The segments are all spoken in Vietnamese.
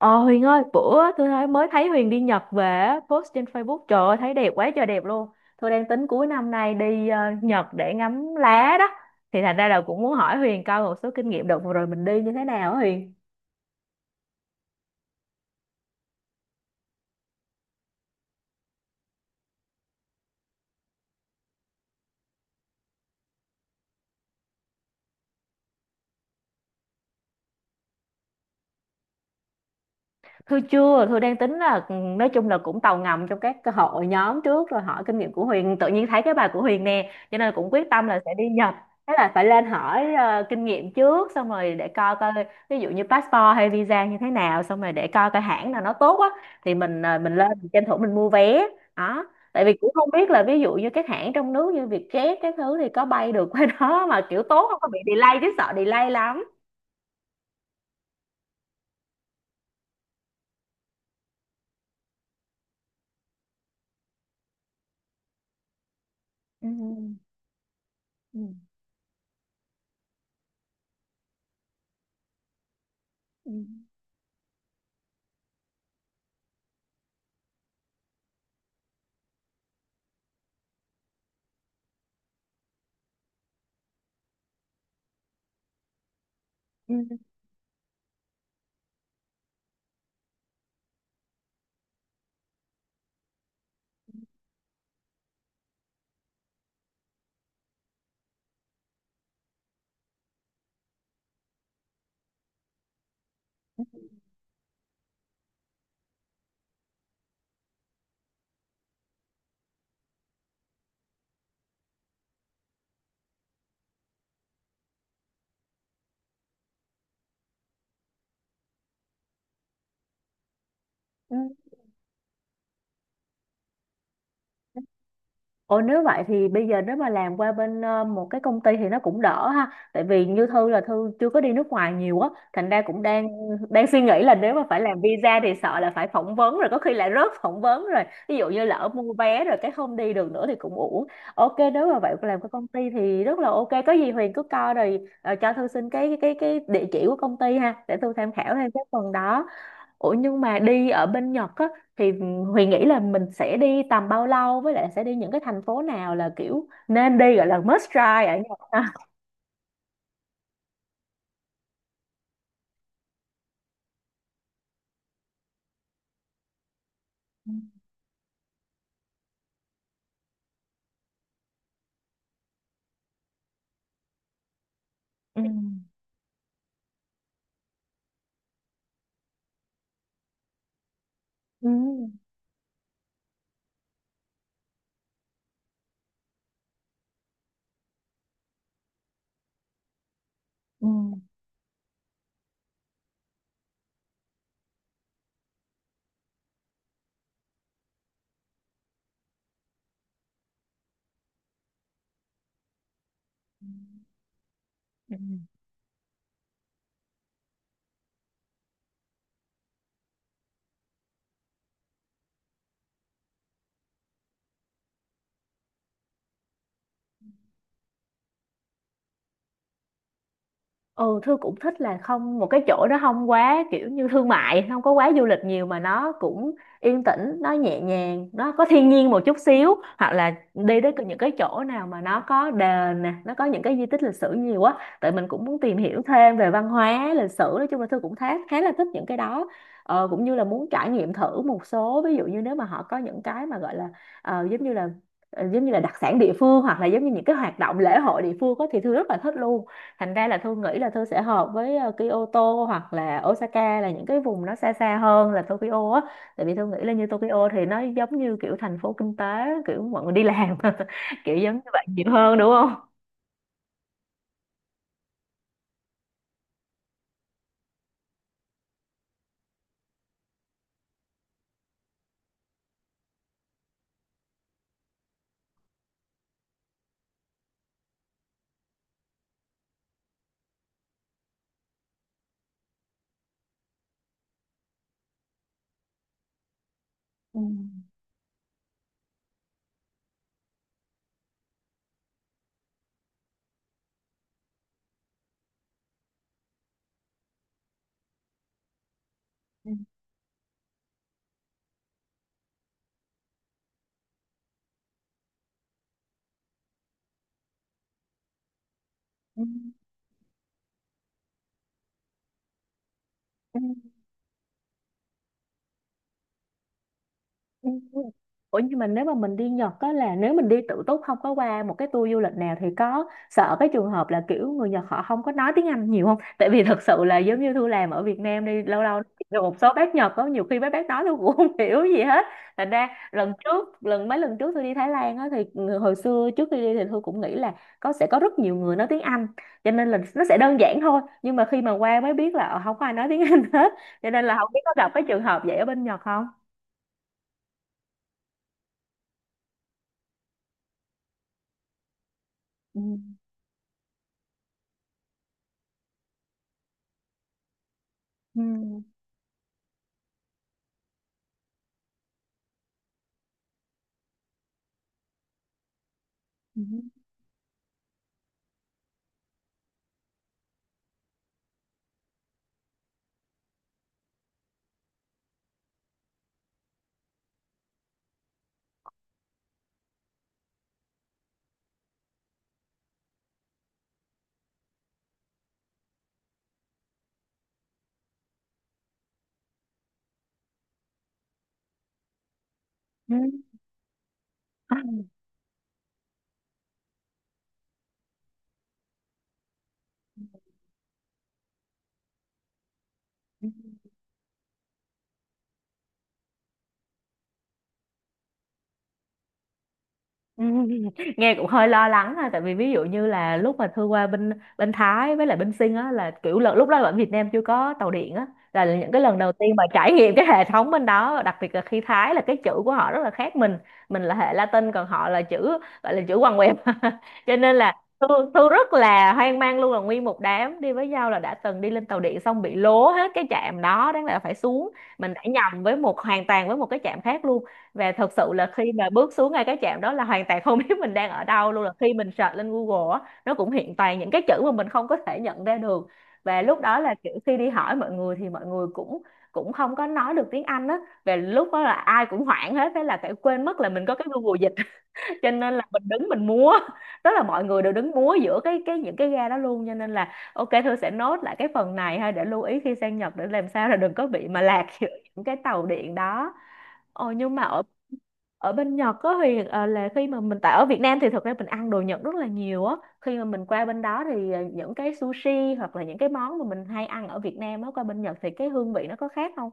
Ờ Huyền ơi, bữa tôi mới thấy Huyền đi Nhật về á, post trên Facebook, trời ơi thấy đẹp quá trời, đẹp luôn. Tôi đang tính cuối năm nay đi Nhật để ngắm lá đó. Thì thành ra là cũng muốn hỏi Huyền coi một số kinh nghiệm đợt vừa rồi mình đi như thế nào á Huyền. Thư chưa, Thư đang tính là nói chung là cũng tàu ngầm trong các cái hội nhóm trước rồi hỏi kinh nghiệm của Huyền, tự nhiên thấy cái bài của Huyền nè, cho nên cũng quyết tâm là sẽ đi Nhật. Thế là phải lên hỏi kinh nghiệm trước, xong rồi để coi coi ví dụ như passport hay visa như thế nào, xong rồi để coi coi hãng nào nó tốt á, thì mình lên, mình tranh thủ mình mua vé đó. Tại vì cũng không biết là ví dụ như các hãng trong nước như Vietjet các thứ thì có bay được qua đó mà kiểu tốt không, có bị delay, chứ sợ delay lắm. Ừ. Ừ. Ừ. Ừ. Ừ. Ồ, nếu vậy thì bây giờ nếu mà làm qua bên một cái công ty thì nó cũng đỡ ha. Tại vì như Thư là Thư chưa có đi nước ngoài nhiều á, thành ra cũng đang đang suy nghĩ là nếu mà phải làm visa thì sợ là phải phỏng vấn, rồi có khi lại rớt phỏng vấn rồi. Ví dụ như lỡ mua vé rồi cái không đi được nữa thì cũng uổng. Ok, nếu mà vậy làm cái công ty thì rất là ok. Có gì Huyền cứ coi rồi cho Thư xin cái địa chỉ của công ty ha, để Thư tham khảo thêm cái phần đó. Ủa, nhưng mà đi ở bên Nhật á, thì Huyền nghĩ là mình sẽ đi tầm bao lâu, với lại sẽ đi những cái thành phố nào là kiểu nên đi, gọi là must try ở Nhật ha? Ừ. Ừ. Ừ. Ừ. Ừ. Ừ, Thư cũng thích là không, một cái chỗ đó không quá kiểu như thương mại, không có quá du lịch nhiều mà nó cũng yên tĩnh, nó nhẹ nhàng, nó có thiên nhiên một chút xíu, hoặc là đi đến những cái chỗ nào mà nó có đền nè, nó có những cái di tích lịch sử nhiều á. Tại mình cũng muốn tìm hiểu thêm về văn hóa lịch sử, nói chung là Thư cũng khá khá là thích những cái đó. Cũng như là muốn trải nghiệm thử một số, ví dụ như nếu mà họ có những cái mà gọi là ờ, giống như là giống như là đặc sản địa phương, hoặc là giống như những cái hoạt động lễ hội địa phương á, thì Thư rất là thích luôn. Thành ra là Thư nghĩ là Thư sẽ hợp với Kyoto hoặc là Osaka, là những cái vùng nó xa xa hơn là Tokyo á. Tại vì Thư nghĩ là như Tokyo thì nó giống như kiểu thành phố kinh tế, kiểu mọi người đi làm kiểu giống như vậy nhiều hơn, đúng không? Ừ. Ừ. Ừ. Ừ. Ủa, nhưng mà nếu mà mình đi Nhật á, là nếu mình đi tự túc không có qua một cái tour du lịch nào, thì có sợ cái trường hợp là kiểu người Nhật họ không có nói tiếng Anh nhiều không? Tại vì thật sự là giống như Thu làm ở Việt Nam đi lâu lâu được một số bác Nhật, có nhiều khi mấy bác nói tôi cũng không hiểu gì hết. Thành ra lần trước lần mấy lần trước tôi đi Thái Lan á thì hồi xưa trước khi đi thì Thu cũng nghĩ là sẽ có rất nhiều người nói tiếng Anh, cho nên là nó sẽ đơn giản thôi, nhưng mà khi mà qua mới biết là không có ai nói tiếng Anh hết, cho nên là không biết có gặp cái trường hợp vậy ở bên Nhật không? Ừ. Ừ, ừ, ừ. Ừ. Ừ, nghe cũng hơi lo lắng ha, tại vì ví dụ như là lúc mà Thư qua bên bên Thái với lại bên Sinh á, là kiểu lúc đó ở Việt Nam chưa có tàu điện á, là những cái lần đầu tiên mà trải nghiệm cái hệ thống bên đó, đặc biệt là khi Thái là cái chữ của họ rất là khác mình là hệ Latin còn họ là chữ gọi là chữ quằn quẹo, cho nên là Thư, Thư rất là hoang mang luôn, là nguyên một đám đi với nhau là đã từng đi lên tàu điện xong bị lố hết cái trạm đó, đáng lẽ là phải xuống, mình đã nhầm với một hoàn toàn với một cái trạm khác luôn. Và thật sự là khi mà bước xuống ngay cái trạm đó là hoàn toàn không biết mình đang ở đâu luôn, là khi mình search lên Google á nó cũng hiện toàn những cái chữ mà mình không có thể nhận ra được. Và lúc đó là kiểu khi đi hỏi mọi người thì mọi người cũng cũng không có nói được tiếng Anh á, và lúc đó là ai cũng hoảng hết, thế là phải quên mất là mình có cái Google dịch, cho nên là mình đứng mình múa, đó là mọi người đều đứng múa giữa cái những cái ga đó luôn, cho nên là ok Thư sẽ nốt lại cái phần này ha, để lưu ý khi sang Nhật để làm sao là đừng có bị mà lạc giữa những cái tàu điện đó. Ồ, nhưng mà ở bên Nhật có thì là khi mà mình, tại ở Việt Nam thì thực ra mình ăn đồ Nhật rất là nhiều á, khi mà mình qua bên đó thì những cái sushi hoặc là những cái món mà mình hay ăn ở Việt Nam á, qua bên Nhật thì cái hương vị nó có khác không?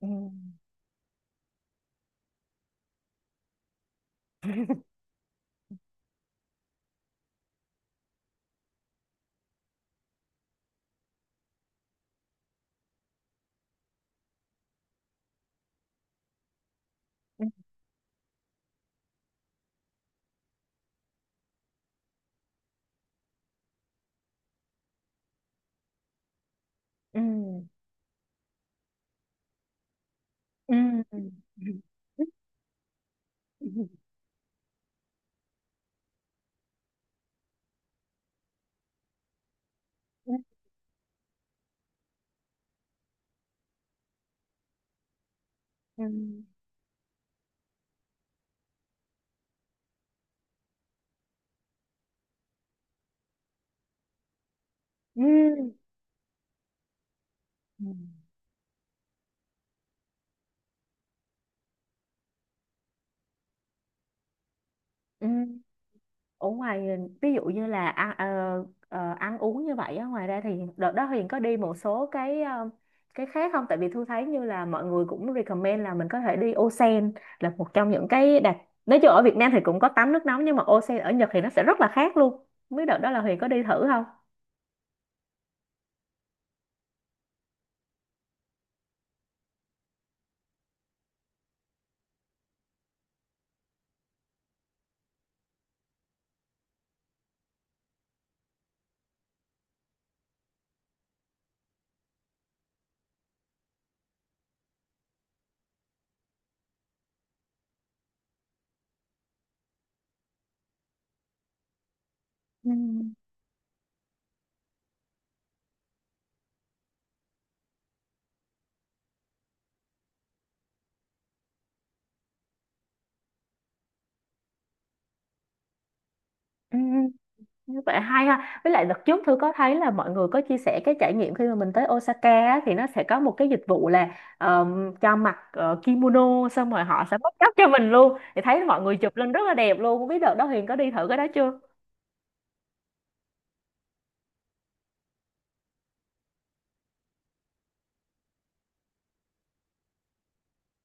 Ừ. Ừ. Ừ. Ừ. Ừ. Ừ. Ừ. Ừ. Ừ. Ừ. Ở ngoài, ví dụ như là ăn uống như vậy á, ngoài ra thì đợt đó Huyền có đi một số cái khác không? Tại vì Thu thấy như là mọi người cũng recommend là mình có thể đi Osen, là một trong những cái nói chung ở Việt Nam thì cũng có tắm nước nóng, nhưng mà Osen ở Nhật thì nó sẽ rất là khác luôn, không biết đợt đó là Huyền có đi thử không? Ừ. Ừ. Như vậy hay ha. Với lại đợt trước Thư có thấy là mọi người có chia sẻ cái trải nghiệm khi mà mình tới Osaka á, thì nó sẽ có một cái dịch vụ là cho mặc kimono, xong rồi họ sẽ make up cho mình luôn. Thì thấy mọi người chụp lên rất là đẹp luôn. Không biết đợt đó Huyền có đi thử cái đó chưa?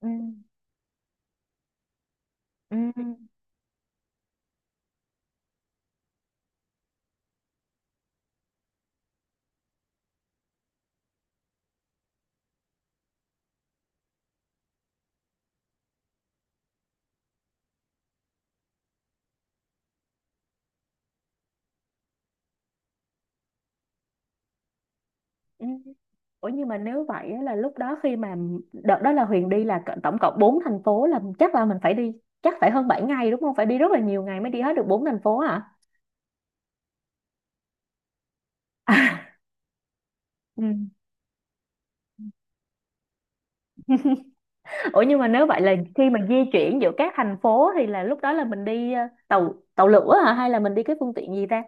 Ừ. Ừ. Ừ. Ủa, nhưng mà nếu vậy á, là lúc đó khi mà đợt đó là Huyền đi là tổng cộng 4 thành phố, là chắc là mình phải đi, chắc phải hơn 7 ngày đúng không? Phải đi rất là nhiều ngày mới đi hết được 4 thành phố hả? Ủa, nhưng mà nếu vậy là khi mà di chuyển giữa các thành phố thì là lúc đó là mình đi tàu tàu lửa hả, hay là mình đi cái phương tiện gì ta?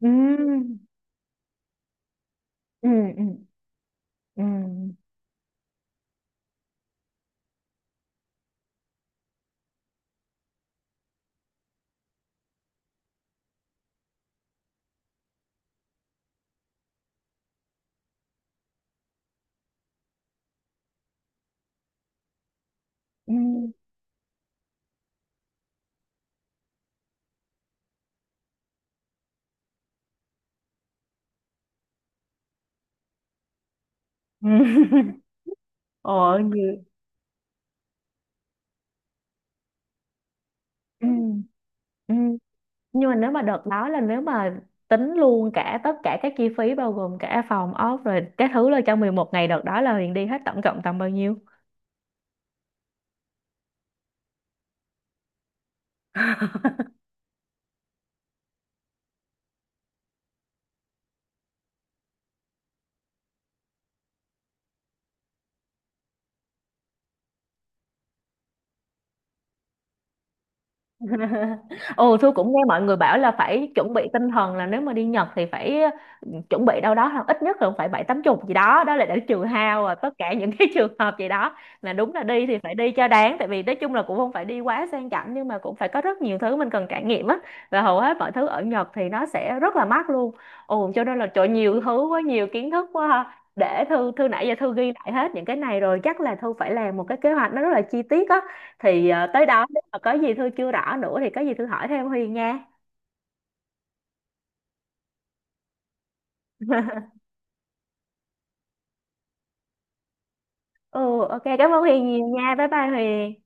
Ừ. Ừ. Ừ. Ừ. Ừ. Ừ. Ồ, như. Ừ, ừ. Nhưng mà nếu mà đợt đó là nếu mà tính luôn cả tất cả các chi phí bao gồm cả phòng ốc rồi các thứ, là trong 11 ngày đợt đó là Huyền đi hết tổng cộng tầm bao nhiêu? Ồ, Thu cũng nghe mọi người bảo là phải chuẩn bị tinh thần là nếu mà đi Nhật thì phải chuẩn bị đâu đó là ít nhất là cũng phải bảy tám chục gì đó, đó là để trừ hao và tất cả những cái trường hợp gì đó, là đúng là đi thì phải đi cho đáng, tại vì nói chung là cũng không phải đi quá sang chảnh nhưng mà cũng phải có rất nhiều thứ mình cần trải nghiệm á, và hầu hết mọi thứ ở Nhật thì nó sẽ rất là mắc luôn. Ồ, cho nên là trời nhiều thứ quá, nhiều kiến thức quá ha. Để Thư Thư nãy giờ Thư ghi lại hết những cái này rồi, chắc là Thư phải làm một cái kế hoạch nó rất là chi tiết á, thì tới đó nếu mà có gì Thư chưa rõ nữa thì có gì Thư hỏi thêm Huyền nha. Ừ, ok cảm ơn Huyền nhiều nha, bye bye Huyền.